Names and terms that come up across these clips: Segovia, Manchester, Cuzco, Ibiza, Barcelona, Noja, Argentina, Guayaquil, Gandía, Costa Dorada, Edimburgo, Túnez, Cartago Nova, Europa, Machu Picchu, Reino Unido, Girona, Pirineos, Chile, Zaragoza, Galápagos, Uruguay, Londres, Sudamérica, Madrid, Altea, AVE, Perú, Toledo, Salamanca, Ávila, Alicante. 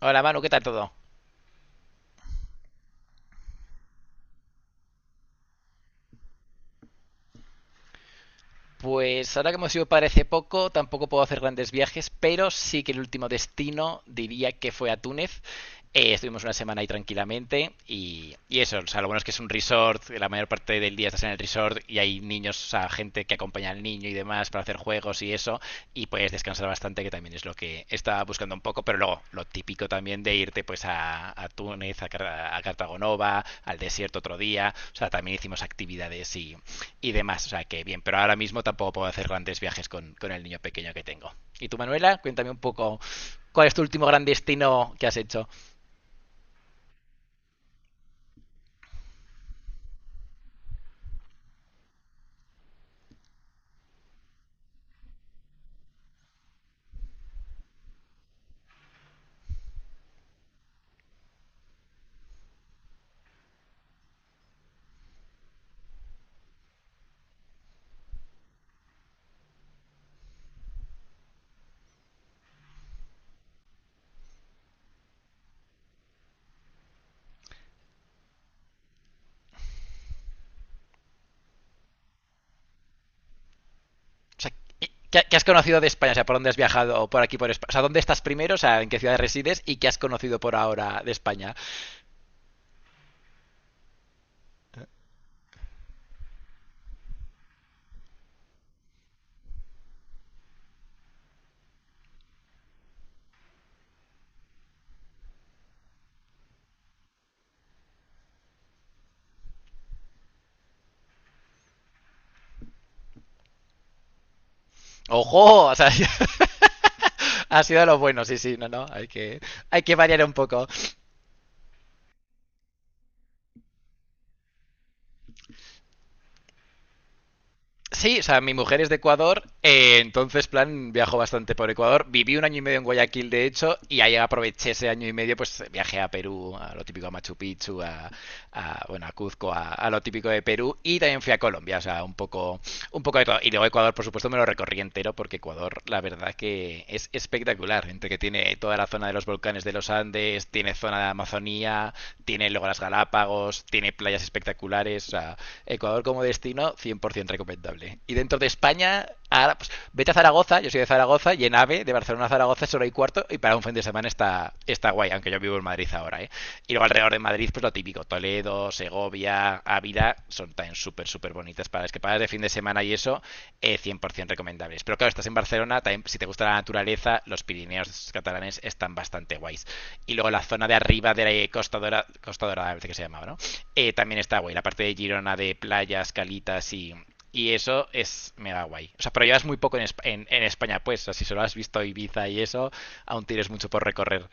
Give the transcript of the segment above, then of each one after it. Hola Manu, ¿qué tal todo? Pues ahora que hemos ido parece poco, tampoco puedo hacer grandes viajes, pero sí que el último destino diría que fue a Túnez. Estuvimos una semana ahí tranquilamente y eso, o sea, lo bueno es que es un resort, que la mayor parte del día estás en el resort y hay niños, o sea, gente que acompaña al niño y demás para hacer juegos y eso, y puedes descansar bastante, que también es lo que estaba buscando un poco, pero luego lo típico también de irte pues a Túnez, a Cartago Nova, al desierto otro día, o sea, también hicimos actividades y demás. O sea, que bien, pero ahora mismo tampoco puedo hacer grandes viajes con el niño pequeño que tengo. Y tú, Manuela, cuéntame un poco cuál es tu último gran destino que has hecho. O sea, ¿qué has conocido de España? O sea, ¿por dónde has viajado? ¿Por aquí, por España? O sea, ¿dónde estás primero? O sea, ¿en qué ciudad resides? ¿Y qué has conocido por ahora de España? ¡Ojo! O sea, ha sido lo bueno, sí, sí, no, no, hay que variar un poco. Sí, o sea, mi mujer es de Ecuador, entonces, plan, viajo bastante por Ecuador. Viví un año y medio en Guayaquil, de hecho, y ahí aproveché ese año y medio, pues viajé a Perú, a lo típico a Machu Picchu, a, bueno, a Cuzco, a lo típico de Perú, y también fui a Colombia, o sea, un poco de todo. Y luego Ecuador, por supuesto, me lo recorrí entero, porque Ecuador, la verdad que es espectacular. Entre que tiene toda la zona de los volcanes de los Andes, tiene zona de Amazonía, tiene luego las Galápagos, tiene playas espectaculares. O sea, Ecuador como destino, 100% recomendable. Y dentro de España, ahora, pues, vete a Zaragoza, yo soy de Zaragoza, y en AVE, de Barcelona a Zaragoza, es hora y cuarto, y para un fin de semana está guay, aunque yo vivo en Madrid ahora, ¿eh? Y luego alrededor de Madrid, pues lo típico, Toledo, Segovia, Ávila, son también súper, súper bonitas para escapadas de fin de semana y eso, 100% recomendables. Pero claro, estás en Barcelona, también, si te gusta la naturaleza, los Pirineos catalanes están bastante guays. Y luego la zona de arriba de la Costa Dorada, Costa Dorada me parece que se llamaba, ¿no? También está guay, la parte de Girona de playas, calitas y eso es mega guay. O sea, pero llevas muy poco en, en España, pues. O sea, si solo has visto Ibiza y eso, aún tienes mucho por recorrer.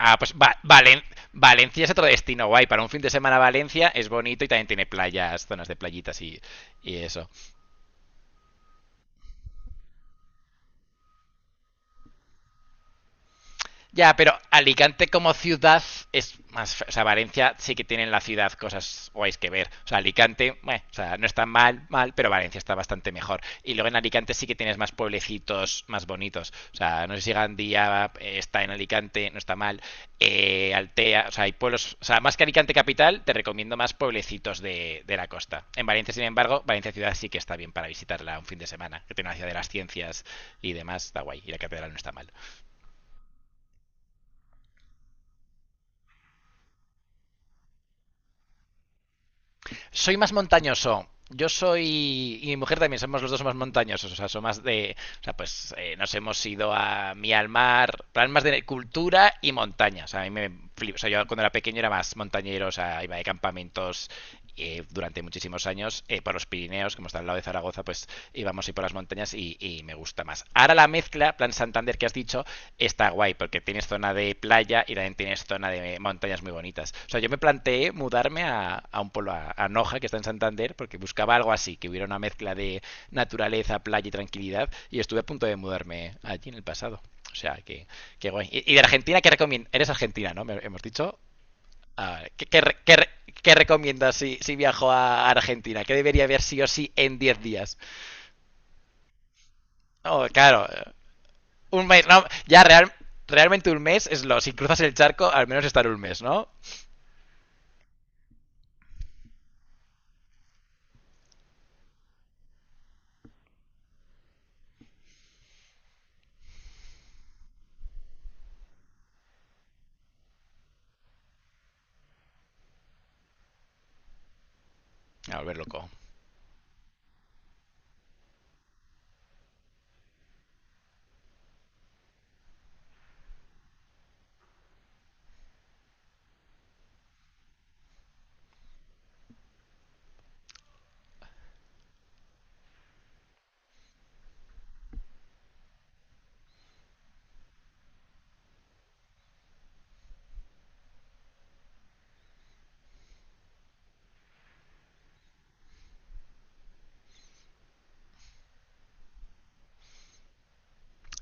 Ah, pues Valencia es otro destino guay. Para un fin de semana Valencia es bonito y también tiene playas, zonas de playitas y eso. Ya, pero Alicante como ciudad es más. O sea, Valencia sí que tiene en la ciudad cosas guays que ver. O sea, Alicante, bueno, o sea, no está mal, mal, pero Valencia está bastante mejor. Y luego en Alicante sí que tienes más pueblecitos más bonitos. O sea, no sé si Gandía, está en Alicante, no está mal. Altea, o sea, hay pueblos. O sea, más que Alicante capital, te recomiendo más pueblecitos de la costa. En Valencia, sin embargo, Valencia ciudad sí que está bien para visitarla un fin de semana, que tiene una ciudad de las ciencias y demás, está guay. Y la catedral no está mal. Soy más montañoso. Yo soy, y mi mujer también, somos los dos más montañosos, o sea, somos más de, o sea, pues, nos hemos ido a mí al mar, plan más de cultura y montaña, o sea, a mí me flipo, o sea, yo cuando era pequeño era más montañero, o sea, iba de campamentos, durante muchísimos años, por los Pirineos, como está al lado de Zaragoza, pues íbamos y por las montañas y me gusta más. Ahora la mezcla, plan Santander que has dicho, está guay guay, porque tienes zona de playa y también tienes zona de montañas muy bonitas. O sea, yo me planteé mudarme a un pueblo, a Noja, que está en Santander, porque buscaba algo así, que hubiera una mezcla de naturaleza, playa y tranquilidad, y estuve a punto de mudarme allí en el pasado. O sea, que guay. Y de Argentina, ¿qué recomiendas? Eres argentina, ¿no? Hemos dicho. Ah, qué qué recomiendas si viajo a Argentina? ¿Qué debería ver sí o sí en 10 días? Oh, claro. Un mes, no. Ya, realmente un mes es lo. Si cruzas el charco, al menos estar un mes, ¿no? A volver loco.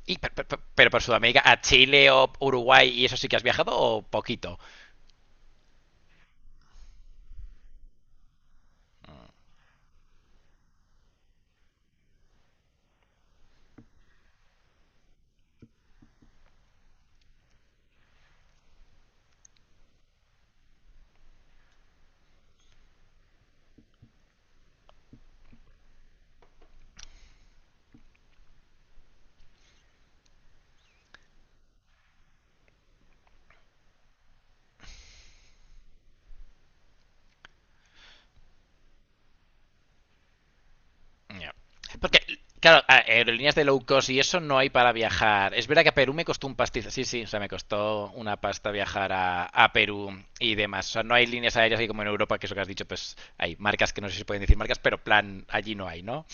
Y, per- per- pero por Sudamérica, a Chile o Uruguay, ¿y eso sí que has viajado o poquito? No. Porque, claro, aerolíneas de low cost y eso no hay para viajar. Es verdad que a Perú me costó un pastiz. Sí, sí, o sea, me costó una pasta viajar a Perú y demás. O sea, no hay líneas aéreas así como en Europa, que es lo que has dicho, pues hay marcas que no sé si pueden decir marcas, pero plan, allí no hay, ¿no?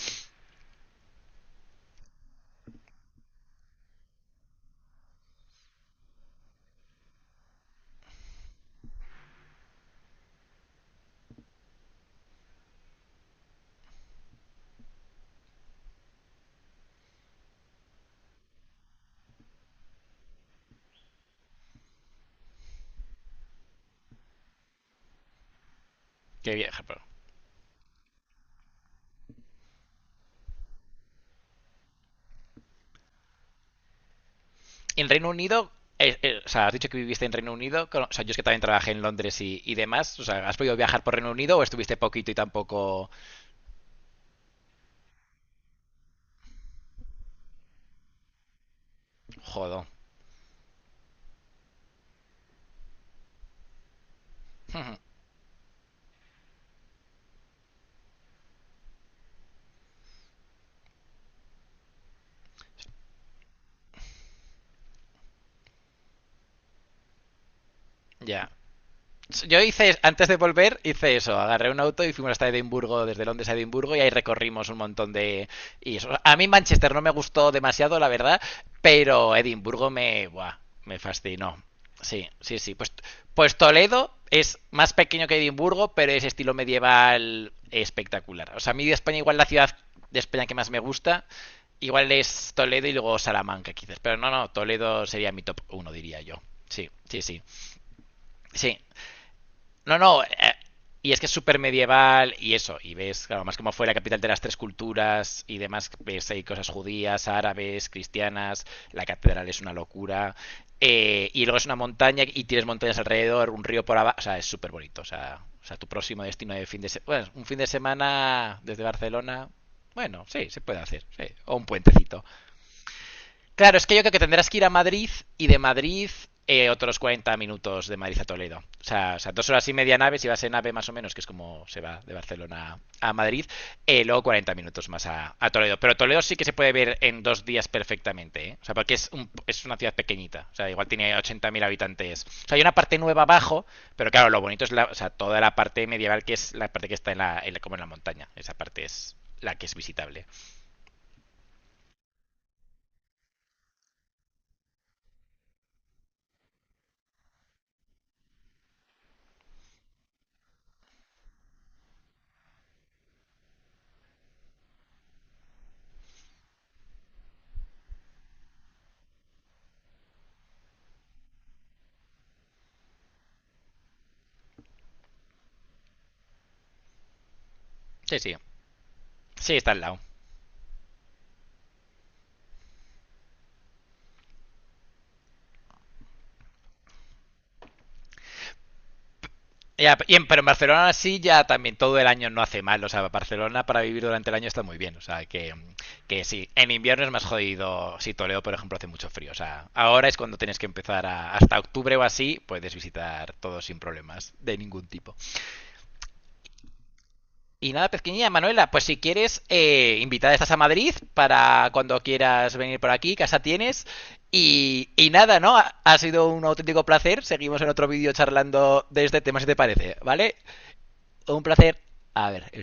Que viajar, pero en Reino Unido, o sea, has dicho que viviste en Reino Unido, o sea, yo es que también trabajé en Londres y demás, o sea, ¿has podido viajar por Reino Unido o estuviste poquito y tampoco... Jodo. Ya. Yo hice, antes de volver, hice eso. Agarré un auto y fuimos hasta Edimburgo, desde Londres a Edimburgo, y ahí recorrimos un montón de. Y eso. A mí Manchester no me gustó demasiado, la verdad, pero Edimburgo me. Buah, me fascinó. Sí, sí, sí. Pues Toledo es más pequeño que Edimburgo, pero es estilo medieval espectacular. O sea, a mí de España, igual la ciudad de España que más me gusta, igual es Toledo y luego Salamanca, quizás. Pero no, no, Toledo sería mi top uno diría yo. Sí, sí, sí. Sí, no, no. Y es que es súper medieval y eso. Y ves, claro, más como fue la capital de las tres culturas y demás. Ves ahí cosas judías, árabes, cristianas. La catedral es una locura. Y luego es una montaña y tienes montañas alrededor, un río por abajo. O sea, es súper bonito. O sea, tu próximo destino de fin de semana. Bueno, un fin de semana desde Barcelona. Bueno, sí, se puede hacer. Sí, o un puentecito. Claro, es que yo creo que tendrás que ir a Madrid y de Madrid, otros 40 minutos de Madrid a Toledo. O sea, 2 horas y media nave, si vas en nave más o menos, que es como se va de Barcelona a Madrid, luego 40 minutos más a, a Toledo. Pero Toledo sí que se puede ver en 2 días perfectamente, ¿eh? O sea, porque es una ciudad pequeñita. O sea, igual tiene 80.000 habitantes. O sea, hay una parte nueva abajo, pero claro, lo bonito es la, o sea, toda la parte medieval, que es la parte que está en la, como en la montaña. Esa parte es la que es visitable. Sí, sí. Sí, está al lado. Ya, pero en Barcelona sí ya también todo el año no hace mal. O sea, Barcelona para vivir durante el año está muy bien. O sea, que sí, en invierno es más jodido. Si Toledo, por ejemplo, hace mucho frío. O sea, ahora es cuando tienes que empezar a, hasta octubre o así, puedes visitar todo sin problemas de ningún tipo. Y nada, pequeñilla Manuela, pues si quieres, invitada estás a Madrid para cuando quieras venir por aquí, casa tienes. Y nada, ¿no? Ha sido un auténtico placer. Seguimos en otro vídeo charlando de este tema, si te parece, ¿vale? Un placer. A ver,